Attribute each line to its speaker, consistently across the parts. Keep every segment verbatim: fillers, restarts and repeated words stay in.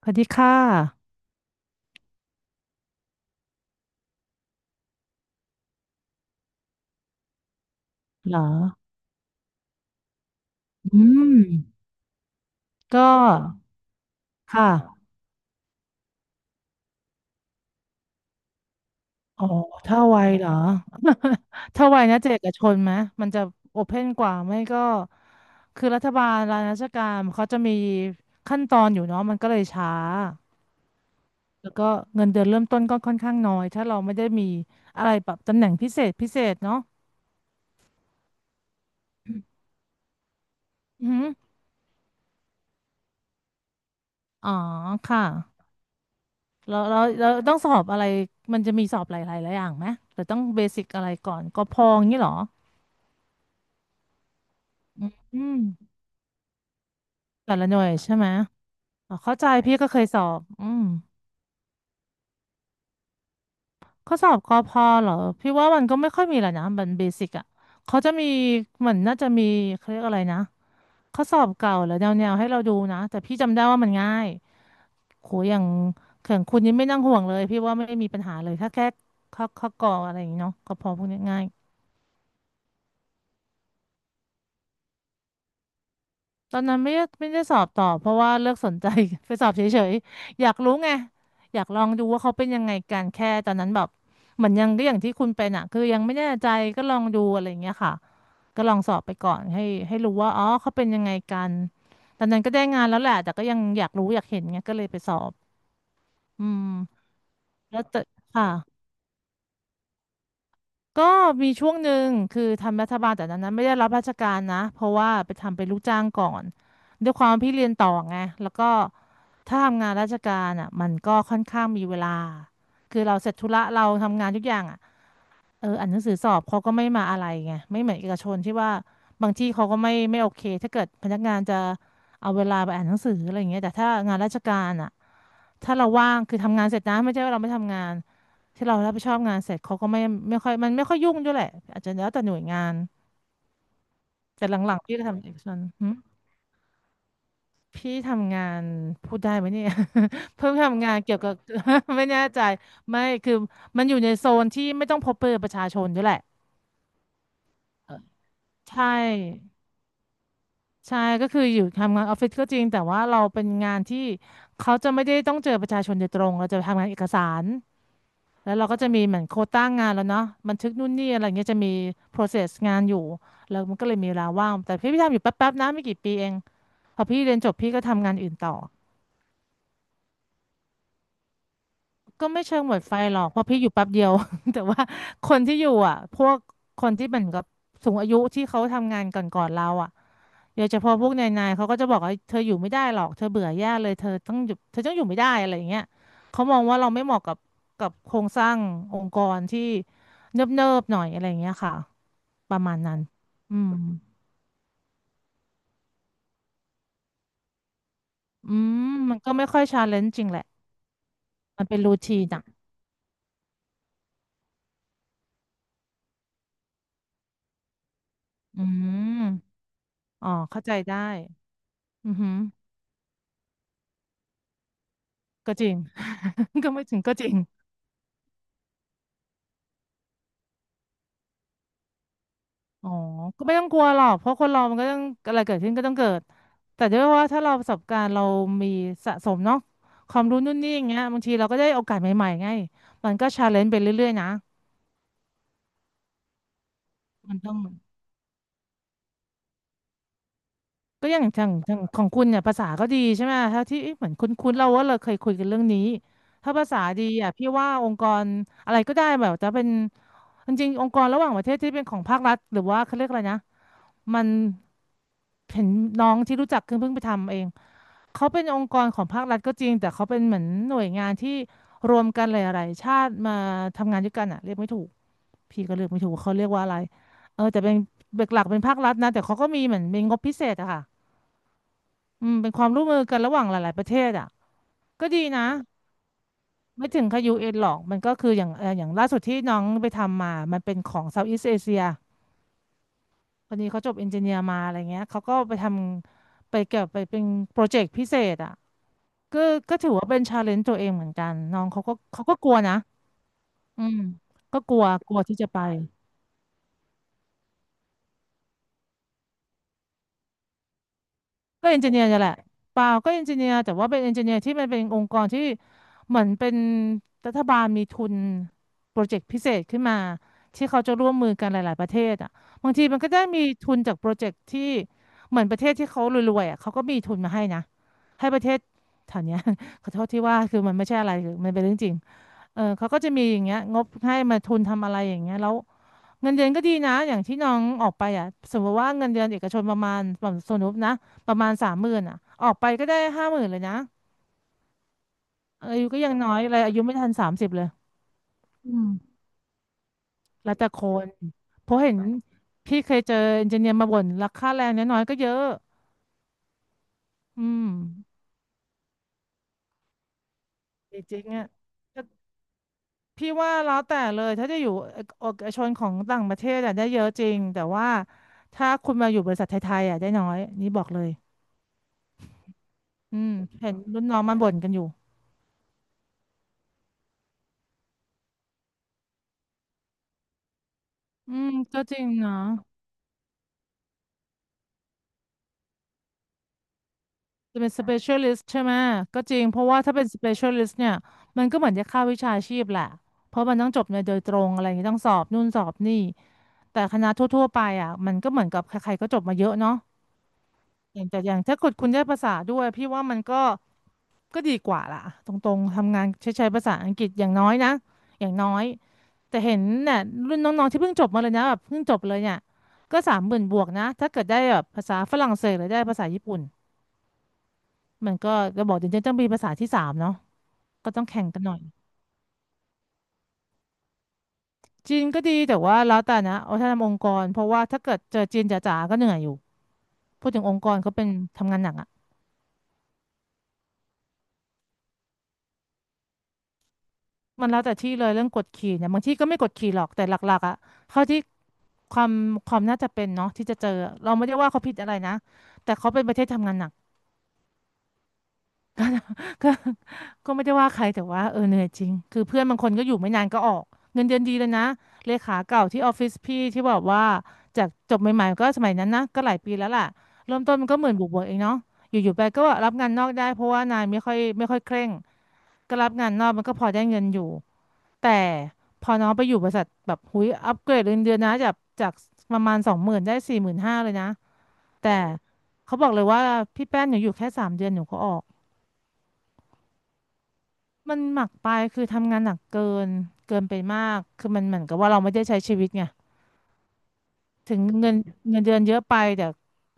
Speaker 1: สวัสดีค่ะเหรอ อืม ก็ ค่ะ อ๋อ ถ้าไวเหรอ ถ้าไวนะจะเอกชนไหม มันจะโอเพ่นกว่าไม่ก็ คือรัฐบาลรัฐราชการเขาจะมีขั้นตอนอยู่เนาะมันก็เลยช้า แล้วก็เงินเดือนเริ่มต้นก็ค่อนข้างน้อย ถ้าเราไม่ได้มีอะไรแบบตำแหน่งพิเศษพิเศษเนาะอือหืออ๋อค่ะเราเราเราต้องสอบอะไรมันจะมีสอบหลายๆหลายอย่างไหมหรือต้องเบสิกอะไรก่อนกพอย่างนี้เหรอ อืมแต่ละหน่วยใช่ไหมอ๋อเข้าใจพี่ก็เคยสอบอืมข้อสอบกอพอเหรอพี่ว่ามันก็ไม่ค่อยมีแหละนะมันเบสิกอ่ะเขาจะมีเหมือนน่าจะมีเขาเรียกอะไรนะข้อสอบเก่าหรือแนวๆให้เราดูนะแต่พี่จำได้ว่ามันง่ายโหอย่างเข่องคุณนี่ไม่นั่งห่วงเลยพี่ว่าไม่มีปัญหาเลยถ้าแค่ข้อข้อกออะไรอย่างงี้เนาะกอพอพวกนี้ง่าย ตอนนั้นไม่ได้ไม่ได้สอบต่อเพราะว่าเลิกสนใจ ไปสอบเฉยๆ อยากรู้ไงอยากลองดูว่าเขาเป็นยังไงกันแค่ตอนนั้นแบบเหมือนยังก็อย่างที่คุณเป็นอ่ะคือยังไม่แน่ใจก็ลองดูอะไรอย่างเงี้ยค่ะก็ลองสอบไปก่อนให้ให้รู้ว่าอ๋อเขาเป็นยังไงกันตอนนั้นก็ได้งานแล้วแหละแต่ก็ยังอยากรู้อยากเห็นไงก็เลยไปสอบอืมแล้วแต่ค่ะ ก็มีช่วงหนึ่งคือทำรัฐบาลแต่นั้นนะไม่ได้รับราชการนะเพราะว่าไปทำเป็นลูกจ้างก่อนด้วยความพี่เรียนต่อไงแล้วก็ถ้าทำงานราชการอ่ะมันก็ค่อนข้างมีเวลาคือเราเสร็จธุระเราทำงานทุกอย่างอ่ะ เอออ่านหนังสือสอบเขาก็ไม่มาอะไรไงไม่เหมือนเอกชนที่ว่าบางที่เขาก็ไม่ไม่โอเคถ้าเกิดพนักงานจะเอาเวลาไปอ่านหนังสืออะไรอย่างเงี้ยแต่ถ้างานราชการอ่ะถ้าเราว่างคือทำงานเสร็จนะไม่ใช่ว่าเราไม่ทำงานที่เรารับผิดชอบงานเสร็จเขาก็ไม่ไม่ค่อยมันไม่ค่อยยุ่งด้วยแหละอาจจะแล้วแต่หน่วยงานแต่หลังๆพี่ก็ทำเอกชนหึพี่ทำงานพูดได้ไหมเนี่ย เพิ่งทำงานเกี่ยวกับ ไม่แน่ใจไม่คือมันอยู่ในโซนที่ไม่ต้องพบเจอประชาชนด้วยแหละใช่ ใช่ก็คืออยู่ทำงานออฟฟิศก็จริงแต่ว่าเราเป็นงานที่เขาจะไม่ได้ต้องเจอประชาชนโดยตรงเราจะทำงานเอกสารแล้วเราก็จะมีเหมือนโควต้างานแล้วเนาะบันทึกนู่นนี่อะไรเงี้ยจะมี process งานอยู่แล้วมันก็เลยมีเวลาว่างแต่พี่พี่ทำอยู่แป๊บๆนะไม่กี่ปีเองพอพี่เรียนจบพี่ก็ทำงานอื่นต่อก็ไม่เชิงหมดไฟหรอกเพราะพี่อยู่แป๊บเดียว แต่ว่าคนที่อยู่อ่ะพวกคนที่เหมือนกับสูงอายุที่เขาทำงานก่อนๆเราอ่ะ เดี๋ยวเฉพาะพวกนายนายเขาก็จะบอกว่าเธออยู่ไม่ได้หรอกเธอเบื่อแย่เลยเธอต้องอยู่เธอต้องอยู่ไม่ได้อะไรอย่างเงี้ยเขามองว่าเราไม่เหมาะกับกับโครงสร้างองค์กรที่เนิบๆหน่อยอะไรอย่างเงี้ยค่ะประมาณนั้นอืมอืมมันก็ไม่ค่อยชาเลนจ์จริงแหละมันเป็นรูทีนอ่ะอืมอ๋อเข้าใจได้อือหือก็จริง ก็ไม่ถึงก็จริง อ๋อ ก็ไม่ต้องกลัวหรอกเพราะคนเรามันก็ต้องอะไรเกิดขึ้นก็ต้องเกิด แต่ด้วยว่าถ้าเราประสบการณ์เรามีสะสมเนาะความรู้นู่นนี่อย่างเงี้ยบางทีเราก็ได้โอกาสใหม่ๆไงมันก็ชาเลนจ์ไปเรื่อยๆนะมันต้องก็อย่างทางทางของคุณเนี่ยภาษาก็ดีใช่ไหมถ้าที่เอ๊ะเหมือนคุ้นๆเราว่าเราเคยคุยกันเรื่องนี้ ถ้าภาษาดีอ่ะพี่ว่าองค์กรอะไรก็ได้แบบจะเป็นจริงๆองค์กรระหว่างประเทศที่เป็นของภาครัฐหรือว่าเขาเรียกอะไรนะมันเห็นน้องที่รู้จักเพิ่งเพิ่งไปทำเอง เขาเป็นองค์กรของภาครัฐก็จริงแต่เขาเป็นเหมือนหน่วยงานที่รวมกันหลายๆชาติมาทำงานด้วยกันอะเรียกไม่ถูกพี่ก็เรียกไม่ถูกเขาเรียกว่าอะไรเออแต่เป็นเบกหลักเป็นภาครัฐนะแต่เขาก็มีเหมือนมีงบพิเศษอะค่ะอืมเป็นความร่วมมือกันระหว่างหลายๆประเทศอะก็ดีนะไม่ถึงกับยูเอ็นหรอกมันก็คืออย่างเอออย่างล่าสุดที่น้องไปทำมามันเป็นของเซาท์อีสเอเชียคนนี้เขาจบเอนจิเนียร์มาอะไรเงี้ยเขาก็ไปทำไปเกี่ยวไปเป็นโปรเจกต์พิเศษอะ ก็ก็ถือว่าเป็นชาเลนจ์ตัวเองเหมือนกันน้องเขาก็เขาก็กลัวนะอืมก็กลัวกลัวที่จะไปก็เอนจิเนียร์นี่แหละเปล่าก็เอนจิเนียร์แต่ว่าเป็นเอนจิเนียร์ที่มันเป็นองค์กรที่เหมือนเป็นรัฐบาลมีทุนโปรเจกต์พิเศษขึ้นมาที่เขาจะร่วมมือกันหลายๆประเทศอ่ะบางทีมันก็ได้มีทุนจากโปรเจกต์ที่เหมือนประเทศที่เขารวยๆอ่ะเขาก็มีทุนมาให้นะให้ประเทศแถวเนี้ย ขอโทษที่ว่าคือมันไม่ใช่อะไรคือมันเป็นเรื่องจริง เออเขาก็จะมีอย่างเงี้ยงบให้มาทุนทำอะไรอย่างเงี้ยแล้วเงินเดือนก็ดีนะอย่างที่น้องออกไปอ่ะสมมติว่าเงินเดือนเอกชนประมาณแบบสมมตินะประมาณสามหมื่นอ่ะออกไปก็ได้ห้าหมื่นเลยนะอายุก็ยังน้อยเลยอายุไม่ทันสามสิบเลยอืมแล้วแต่คนเพราะเห็นพี่เคยเจอเอนจิเนียร์มาบ่นราคาแรงน้อยๆก็เยอะอืมจริงๆอ่ะ พี่ว่าแล้วแต่เลยถ้าจะอยู่เอกเอกชนของต่างประเทศอะได้เยอะจริงแต่ว่าถ้าคุณมาอยู่บริษัทไทยๆอะได้น้อยนี่บอกเลยอืมเห็นรุ่นน้องมันบ่นกันอยู่อืมก็จริงเนาะจะเป็น specialist ใช่ไหมก็จริงเพราะว่าถ้าเป็น specialist เนี่ยมันก็เหมือนจะเข้าวิชาชีพแหละเพราะมันต้องจบในโดยตรงอะไรอย่างงี้ต้องสอบนู่นสอบนี่แต่คณะทั่วๆไปอ่ะมันก็เหมือนกับใครๆก็จบมาเยอะเนาะอย่างแต่อย่างถ้าคุณคุณได้ภาษาด้วยพี่ว่ามันก็ ก็ดีกว่าล่ะตรงๆทำงานใช้ใช้ภาษาอังกฤษอย่างน้อยนะอย่างน้อยแต่เห็นเนี่ยรุ่นน้องๆที่เพิ่งจบมาเลยนะแบบเพิ่งจบเลยเนี่ยก็สามหมื่นบวกนะถ้าเกิดได้แบบภาษาฝรั่งเศสหรือได้ภาษาญี่ปุ่นมันก็จะบอกเดี๋ยต้องมีภาษาที่สามเนาะก็ต้องแข่งกันหน่อยจีนก็ดีแต่ว่าแล้วแต่นะเอาถ้าทำองค์กรเพราะว่าถ้าเกิดเจอจีนจ๋าๆก็เหนื่อยอยู่พูดถึงองค์กรเขาเป็นทำงานหนักอะมันแล้วแต่ที่เลยเรื่องกฎขี่เนี่ยบางที่ก็ไม่กฎขี่หรอกแต่หลักๆอะเขาที่ ความความน่าจะเป็นเนาะที่จะเจอเราไม่ได้ว่าเขาผิดอะไรนะแต่เขาเป็นประเทศทำงานหนักก็ไม่ได้ว่าใครแต่ว่าเออเหนื่อยจริงคือเพื่อนบางคนก็อยู่ไม่นานก็ออกเงินเดือนดีเลยนะเลขาเก่าที่ออฟฟิศพี่ที่บอกว่าจากจบใหม่ๆก็สมัยนั้นนะก็หลายปีแล้วล่ะเริ่มต้นมันก็หมื่นบวกๆเองเนาะอยู่ๆไปก็รับงานนอกได้เพราะว่านายไม่ค่อยไม่ค่อยเคร่งก็รับงานนอกมันก็พอได้เงินอยู่แต่พอน้องไปอยู่บริษัทแบบหุยอัปเกรดเงินเดือนนะจากจากประมาณสองหมื่นได้สี่หมื่นห้าเลยนะ แต่เขาบอกเลยว่าพี่แป้นหนูอยู่แค่สามเดือนหนูก็ออกมันหมักไปคือทำงานหนักเกินเกินไปมากคือมันเหมือนกับว่าเราไม่ได้ใช้ชีวิตไงถึงเงินเงินเดือนเยอะไปแต่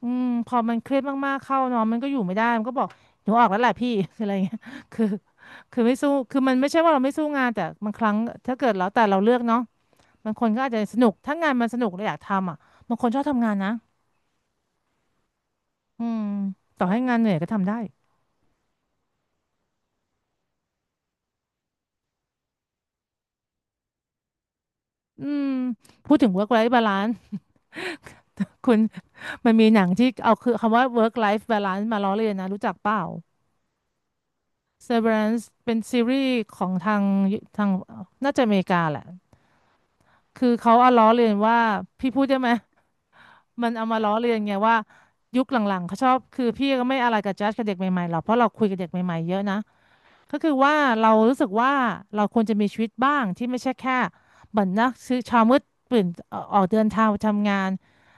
Speaker 1: อืมพอมันเครียดมากๆเข้าเนอนมันก็อยู่ไม่ได้มันก็บอกหนูออกแล้วแหละพี่ คือ อะไรเงี้ยคือคือไม่สู้คือมันไม่ใช่ว่าเราไม่สู้งานแต่บางครั้งถ้าเกิดแล้วแต่เราเลือกเนาะบางคนก็อาจจะสนุกถ้างานมันสนุกเราอยากทำอ่ะบางคนชอบทำงานนะอืมต่อให้งานเหนื่อยก็ทำได้อืมพูดถึง work life balance คุณ มันมีหนังที่เอาคือคำว่า work life balance มาล้อเลียนนะรู้จักเปล่า Severance เป็นซีรีส์ของทางทางน่าจะอเมริกาแหละคือเขาเอาล้อเลียนว่าพี่พูดได้ไหมมันเอามาล้อเลียนไงว่ายุคหลังๆเขาชอบคือพี่ก็ไม่อะไรกับจัดกับเด็กใหม่ๆหรอกเพราะเราคุยกับเด็กใหม่ๆเยอะนะ ก็คือว่าเรารู้สึกว่าเราควรจะมีชีวิตบ้างที่ไม่ใช่แค่เหมือนนักซื้อเช้ามืดตื่นเอ่อออกเดินทางไปทำงาน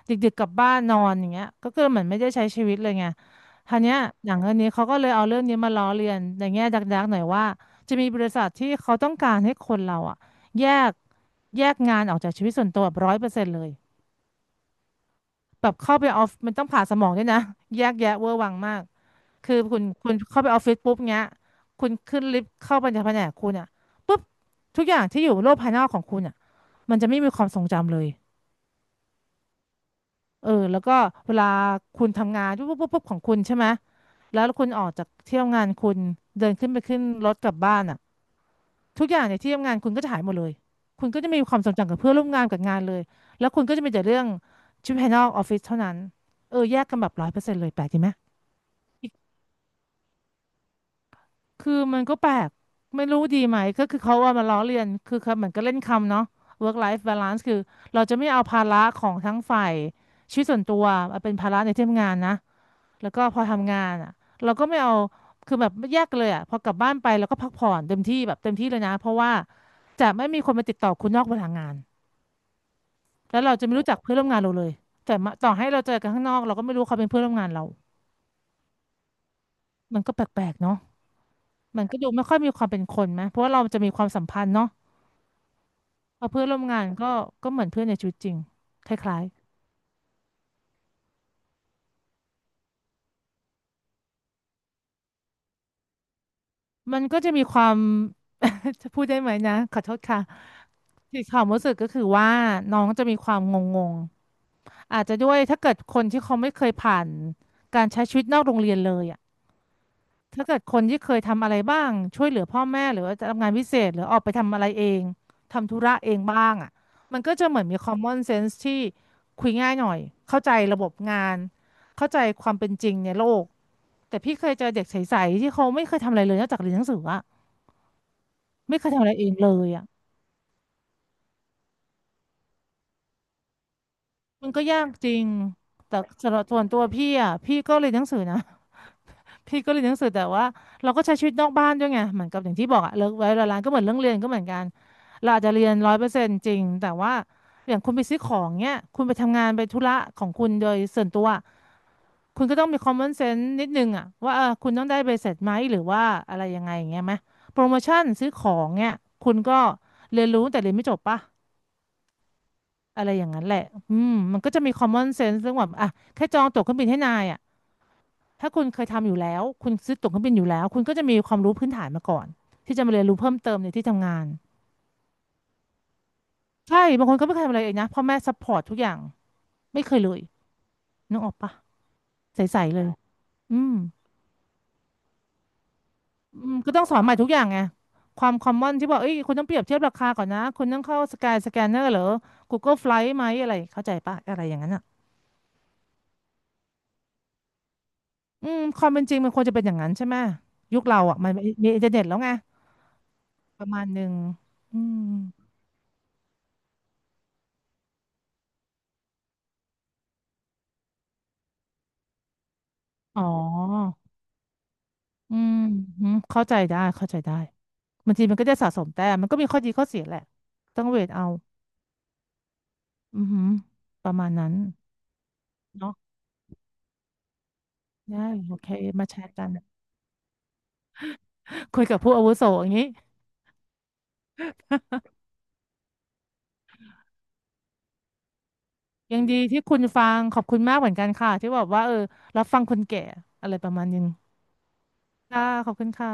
Speaker 1: ดึกๆกลับบ้านนอนอย่างเงี้ยก็คือเหมือนไม่ได้ใช้ชีวิตเลยไงทีเนี้ยหนังเรื่องนี้เขาก็เลยเอาเรื่องนี้มาล้อเลียนในแง่ดักๆหน่อยว่าจะมีบริษัทที่เขาต้องการให้คนเราอะแยกแยกงานออกจากชีวิตส่วนตัวแบบร้อยเปอร์เซ็นต์เลยแบบเข้าไปออฟมันต้องผ่าสมองด้วยนะ แยกแยะเวอร์วังมาก คือคุณคุณเข้าไปออฟฟิศปุ๊บเงี้ยคุณขึ้นลิฟต์เข้าไปในแผนกคุณอ่ะปุ๊บทุกอย่างที่อยู่โลกภายนอกของคุณอ่ะมันจะไม่มีความทรงจำเลยเออแล้วก็เวลาคุณทำงานปุ๊บปุ๊บปุ๊บปุ๊บของคุณใช่ไหมแล้วคุณออกจากที่ทำงานคุณเดินขึ้นไปขึ้นรถกลับบ้านอ่ะทุกอย่างในที่ทำงานคุณก็จะหายหมดเลยคุณก็จะไมมีความทรงจำกับเพื่อนร่วมงานกับงานเลยแล้วคุณก็จะมีแต่เรื่องชีวิตภายนอกออฟฟิศเท่านั้นเออแยกกันแบบร้อยเปอร์เซ็นต์เลยแปลกดีไหม คือมันก็แปลกไม่รู้ดีไหมก็คือเขาว่ามาล้อเลียนคือเขาเหมือนก็เล่นคำเนาะ เวิร์ค ไลฟ์ บาลานซ์ คือเราจะไม่เอาภาระของทั้งฝ่ายชีวิตส่วนตัวมาเป็นภาระในที่ทำงานนะแล้วก็พอทำงานอ่ะเราก็ไม่เอาคือแบบแยกกันเลยอ่ะพอกลับบ้านไปเราก็พักผ่อนเต็มที่แบบเต็มที่เลยนะเพราะว่าจะไม่มีคนมาติดต่อคุณนอกเวลางานแล้วเราจะไม่รู้จักเพื่อนร่วมงานเราเลยแต่มาต่อให้เราเจอกันข้างนอกเราก็ไม่รู้เขาเป็นเพื่อนร่วมงานเรามันก็แปลกๆเนาะมันก็ดูไม่ค่อยมีความเป็นคนไหมเพราะว่าเราจะมีความสัมพันธ์เนาะ พอเพื่อนร่วมงานก็ก็เหมือนเพื่อนในชีวิตจริงคล้ายๆมันก็จะมีความ จะพูดได้ไหมนะขอโทษค่ะที่ความรู้สึกก็คือว่าน้องจะมีความงงๆอาจจะด้วยถ้าเกิดคนที่เขาไม่เคยผ่านการใช้ชีวิตนอกโรงเรียนเลยอ่ะถ้าเกิดคนที่เคยทำอะไรบ้างช่วยเหลือพ่อแม่หรือว่าทำงานพิเศษหรือออกไปทำอะไรเองทำธุระเองบ้างอ่ะมันก็จะเหมือนมี common sense ที่คุยง่ายหน่อยเข้าใจระบบงานเข้าใจความเป็นจริงในโลก แต่พี่เคยเจอเด็กใสๆที่เขาไม่เคยทำอะไรเลยนอกจากเรียนหนังสืออะไม่เคยทำอะไรเองเลยอะมันก็ยากจริงแต่สำหรับส่วนตัวพี่อะพี่ก็เรียนหนังสือนะ พี่ก็เรียนหนังสือแต่ว่าเราก็ใช้ชีวิตนอกบ้านด้วยไงเหมือนกับอย่างที่บอกอะเลิกไว้เวลาร้านก็เหมือนเรื่องเรียนก็เหมือนกันเราอาจจะเรียนร้อยเปอร์เซ็นต์จริงแต่ว่าอย่างคุณไปซื้อของเนี้ยคุณไปทำงานไปธุระของคุณโดยส่วนตัว คุณก็ต้องมี common sense นิดนึงอะว่าเออคุณต้องได้ใบเสร็จไหมหรือว่าอะไรยังไงอย่างเงี้ยไหมโปรโมชั่นซื้อของเนี่ยคุณก็เรียนรู้แต่เรียนไม่จบปะอะไรอย่างนั้นแหละอืมมันก็จะมี common sense เรื่องแบบอ่ะแค่จองตั๋วเครื่องบินให้นายอะถ้าคุณเคยทำอยู่แล้วคุณซื้อตั๋วเครื่องบินอยู่แล้วคุณก็จะมีความรู้พื้นฐานมาก่อนที่จะมาเรียนรู้เพิ่มเติมในที่ทำงานใช่บางคนก็ไม่เคยทำอะไรเองนะพ่อแม่ซัพพอร์ตทุกอย่างไม่เคยเลยนึกออกปะใสๆเลยอืม อืมก็ต้องสอนใหม่ทุกอย่างไงความคอมมอนที่บอกเอ้ยคุณต้องเปรียบเทียบราคาก่อนนะคุณต้องเข้าสกายสแกนเนอร์หรือ กูเกิล ไฟลต์ ไหมอะไรเข้าใจปะอะไรอย่างนั้นอ่ะอืมความเป็นจริงมันควรจะเป็นอย่างนั้นใช่ไหมยุคเราอ่ะมันมีมีอินเทอร์เน็ตแล้วไงประมาณหนึ่งอืมอ๋ออืมอืมเข้าใจได้เข้าใจได้บางทีมันก็จะสะสมแต้มมันก็มีข้อดีข้อเสียแหละต้องเวทเอาอือหือประมาณนั้นเนาะได้โอเคมาแชร์กัน คุยกับผู้อาวุโสอย่างนี้ ยังดีที่คุณฟังขอบคุณมากเหมือนกันค่ะที่บอกว่าเออรับฟังคนแก่อะไรประมาณนึงค่ะขอบคุณค่ะ